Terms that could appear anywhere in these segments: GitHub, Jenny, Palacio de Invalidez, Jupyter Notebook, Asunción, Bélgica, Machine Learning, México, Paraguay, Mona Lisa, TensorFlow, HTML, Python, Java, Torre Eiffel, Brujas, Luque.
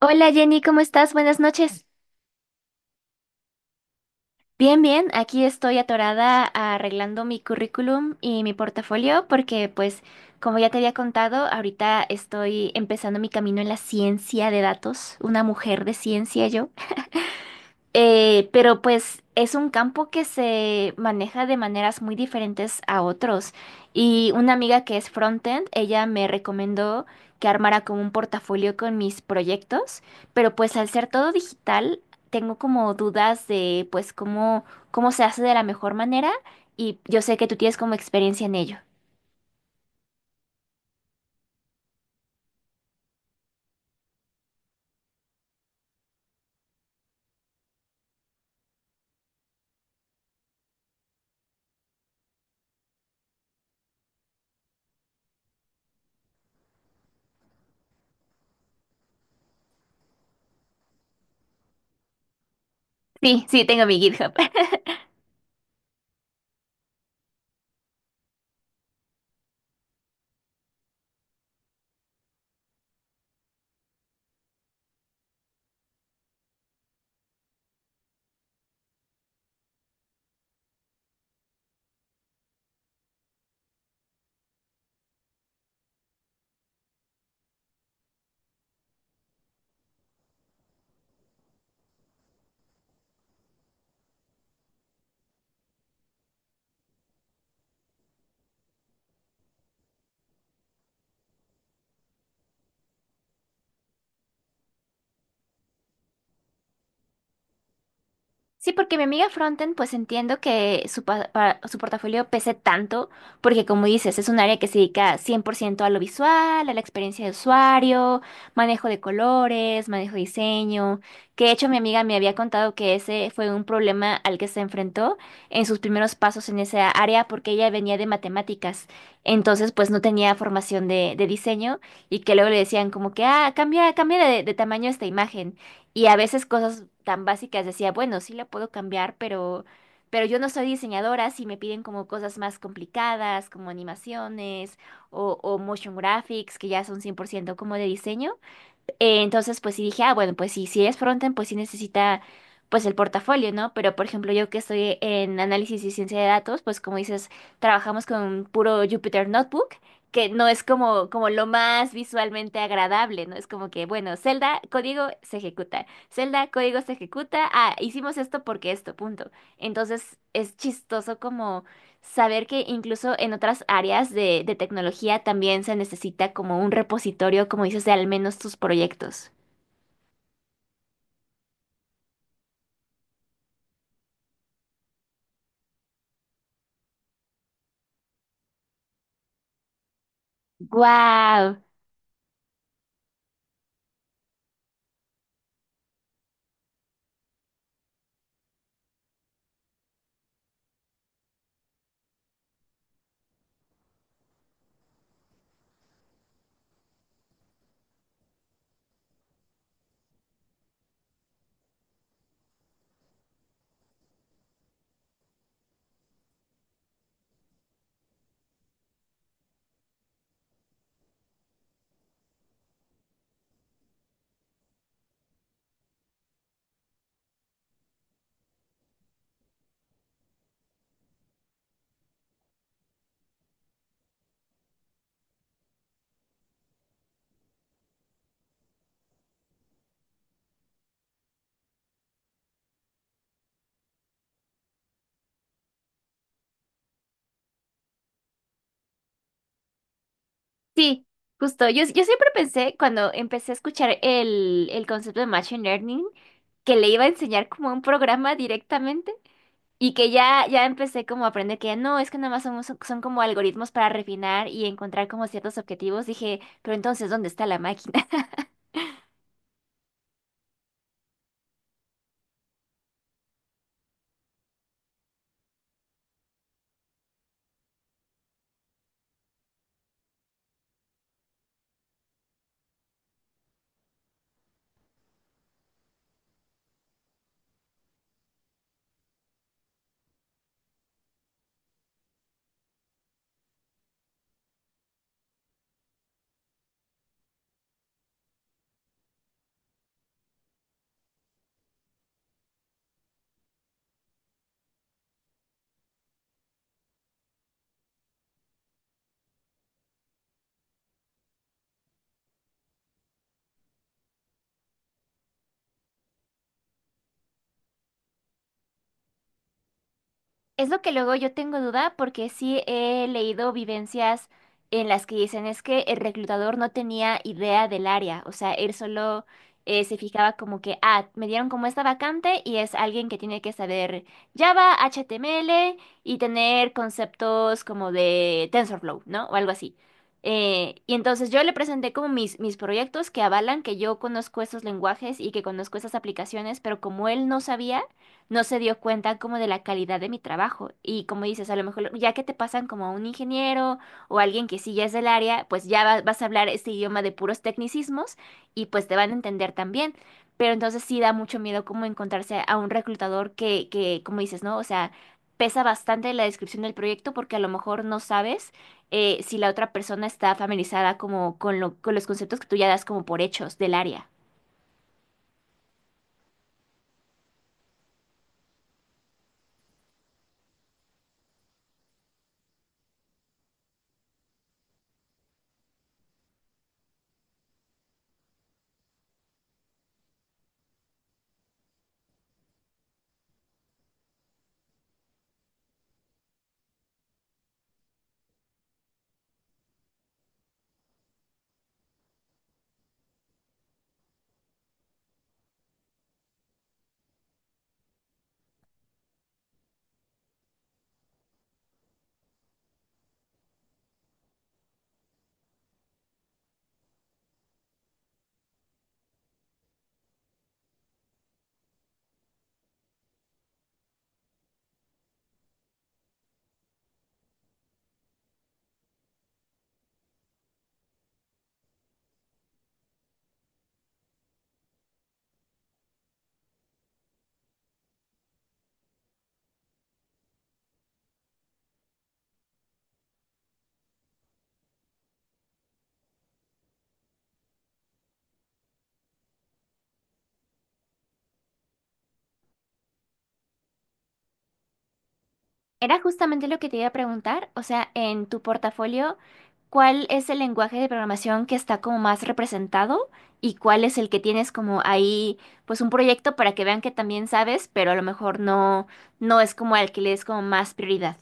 Hola Jenny, ¿cómo estás? Buenas noches. Bien, bien, aquí estoy atorada arreglando mi currículum y mi portafolio porque pues como ya te había contado, ahorita estoy empezando mi camino en la ciencia de datos, una mujer de ciencia yo. Pero pues es un campo que se maneja de maneras muy diferentes a otros. Y una amiga que es frontend, ella me recomendó que armara como un portafolio con mis proyectos, pero pues al ser todo digital, tengo como dudas de pues cómo, cómo se hace de la mejor manera y yo sé que tú tienes como experiencia en ello. Sí, sí, tengo mi GitHub. Sí, porque mi amiga Frontend, pues entiendo que su, su portafolio pese tanto, porque como dices, es un área que se dedica 100% a lo visual, a la experiencia de usuario, manejo de colores, manejo de diseño, que de hecho mi amiga me había contado que ese fue un problema al que se enfrentó en sus primeros pasos en esa área, porque ella venía de matemáticas, entonces pues no tenía formación de diseño y que luego le decían como que, ah, cambia, cambia de tamaño esta imagen. Y a veces cosas tan básicas decía, bueno, sí la puedo cambiar, pero yo no soy diseñadora, si me piden como cosas más complicadas, como animaciones o motion graphics, que ya son 100% como de diseño. Entonces, pues sí dije, ah, bueno, pues sí, si es frontend, pues sí necesita, pues el portafolio, ¿no? Pero, por ejemplo, yo que estoy en análisis y ciencia de datos, pues como dices, trabajamos con puro Jupyter Notebook, que no es como, como lo más visualmente agradable, ¿no? Es como que, bueno, celda, código, se ejecuta. Celda, código, se ejecuta. Ah, hicimos esto porque esto, punto. Entonces, es chistoso como saber que incluso en otras áreas de tecnología también se necesita como un repositorio, como dices, de al menos tus proyectos. ¡Guau! Sí, justo. Yo siempre pensé, cuando empecé a escuchar el concepto de Machine Learning, que le iba a enseñar como un programa directamente y que ya, ya empecé como a aprender que no, es que nada más son, son como algoritmos para refinar y encontrar como ciertos objetivos. Dije, pero entonces, ¿dónde está la máquina? Es lo que luego yo tengo duda porque sí he leído vivencias en las que dicen es que el reclutador no tenía idea del área, o sea, él solo se fijaba como que, ah, me dieron como esta vacante y es alguien que tiene que saber Java, HTML y tener conceptos como de TensorFlow, ¿no? O algo así. Y entonces yo le presenté como mis, mis proyectos que avalan que yo conozco esos lenguajes y que conozco esas aplicaciones, pero como él no sabía no se dio cuenta como de la calidad de mi trabajo. Y como dices, a lo mejor ya que te pasan como a un ingeniero o alguien que sí ya es del área, pues ya vas a hablar este idioma de puros tecnicismos y pues te van a entender también. Pero entonces sí da mucho miedo como encontrarse a un reclutador que, como dices, ¿no? O sea, pesa bastante la descripción del proyecto porque a lo mejor no sabes si la otra persona está familiarizada como con con los conceptos que tú ya das como por hechos del área. Era justamente lo que te iba a preguntar, o sea, en tu portafolio, ¿cuál es el lenguaje de programación que está como más representado y cuál es el que tienes como ahí, pues un proyecto para que vean que también sabes, pero a lo mejor no, no es como al que le des como más prioridad?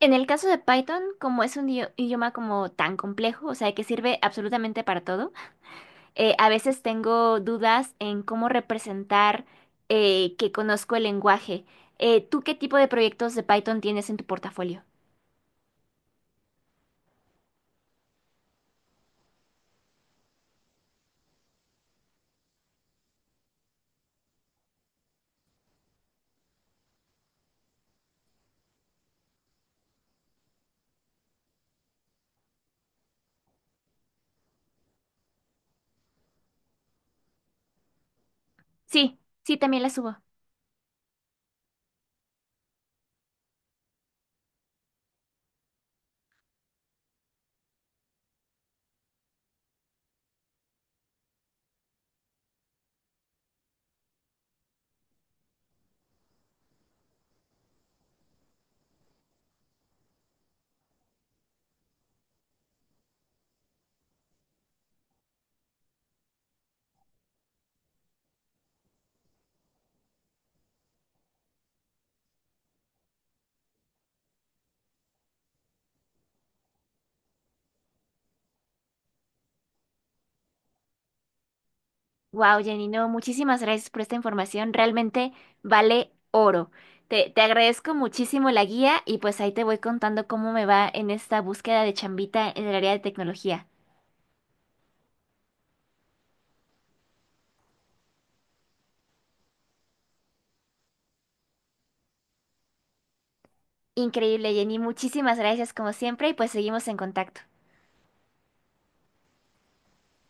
En el caso de Python, como es un idioma como tan complejo, o sea, que sirve absolutamente para todo, a veces tengo dudas en cómo representar que conozco el lenguaje. ¿Tú qué tipo de proyectos de Python tienes en tu portafolio? Sí, sí, también la subo. Wow, Jenny, no, muchísimas gracias por esta información. Realmente vale oro. Te agradezco muchísimo la guía y pues ahí te voy contando cómo me va en esta búsqueda de chambita en el área de tecnología. Increíble, Jenny. Muchísimas gracias como siempre y pues seguimos en contacto.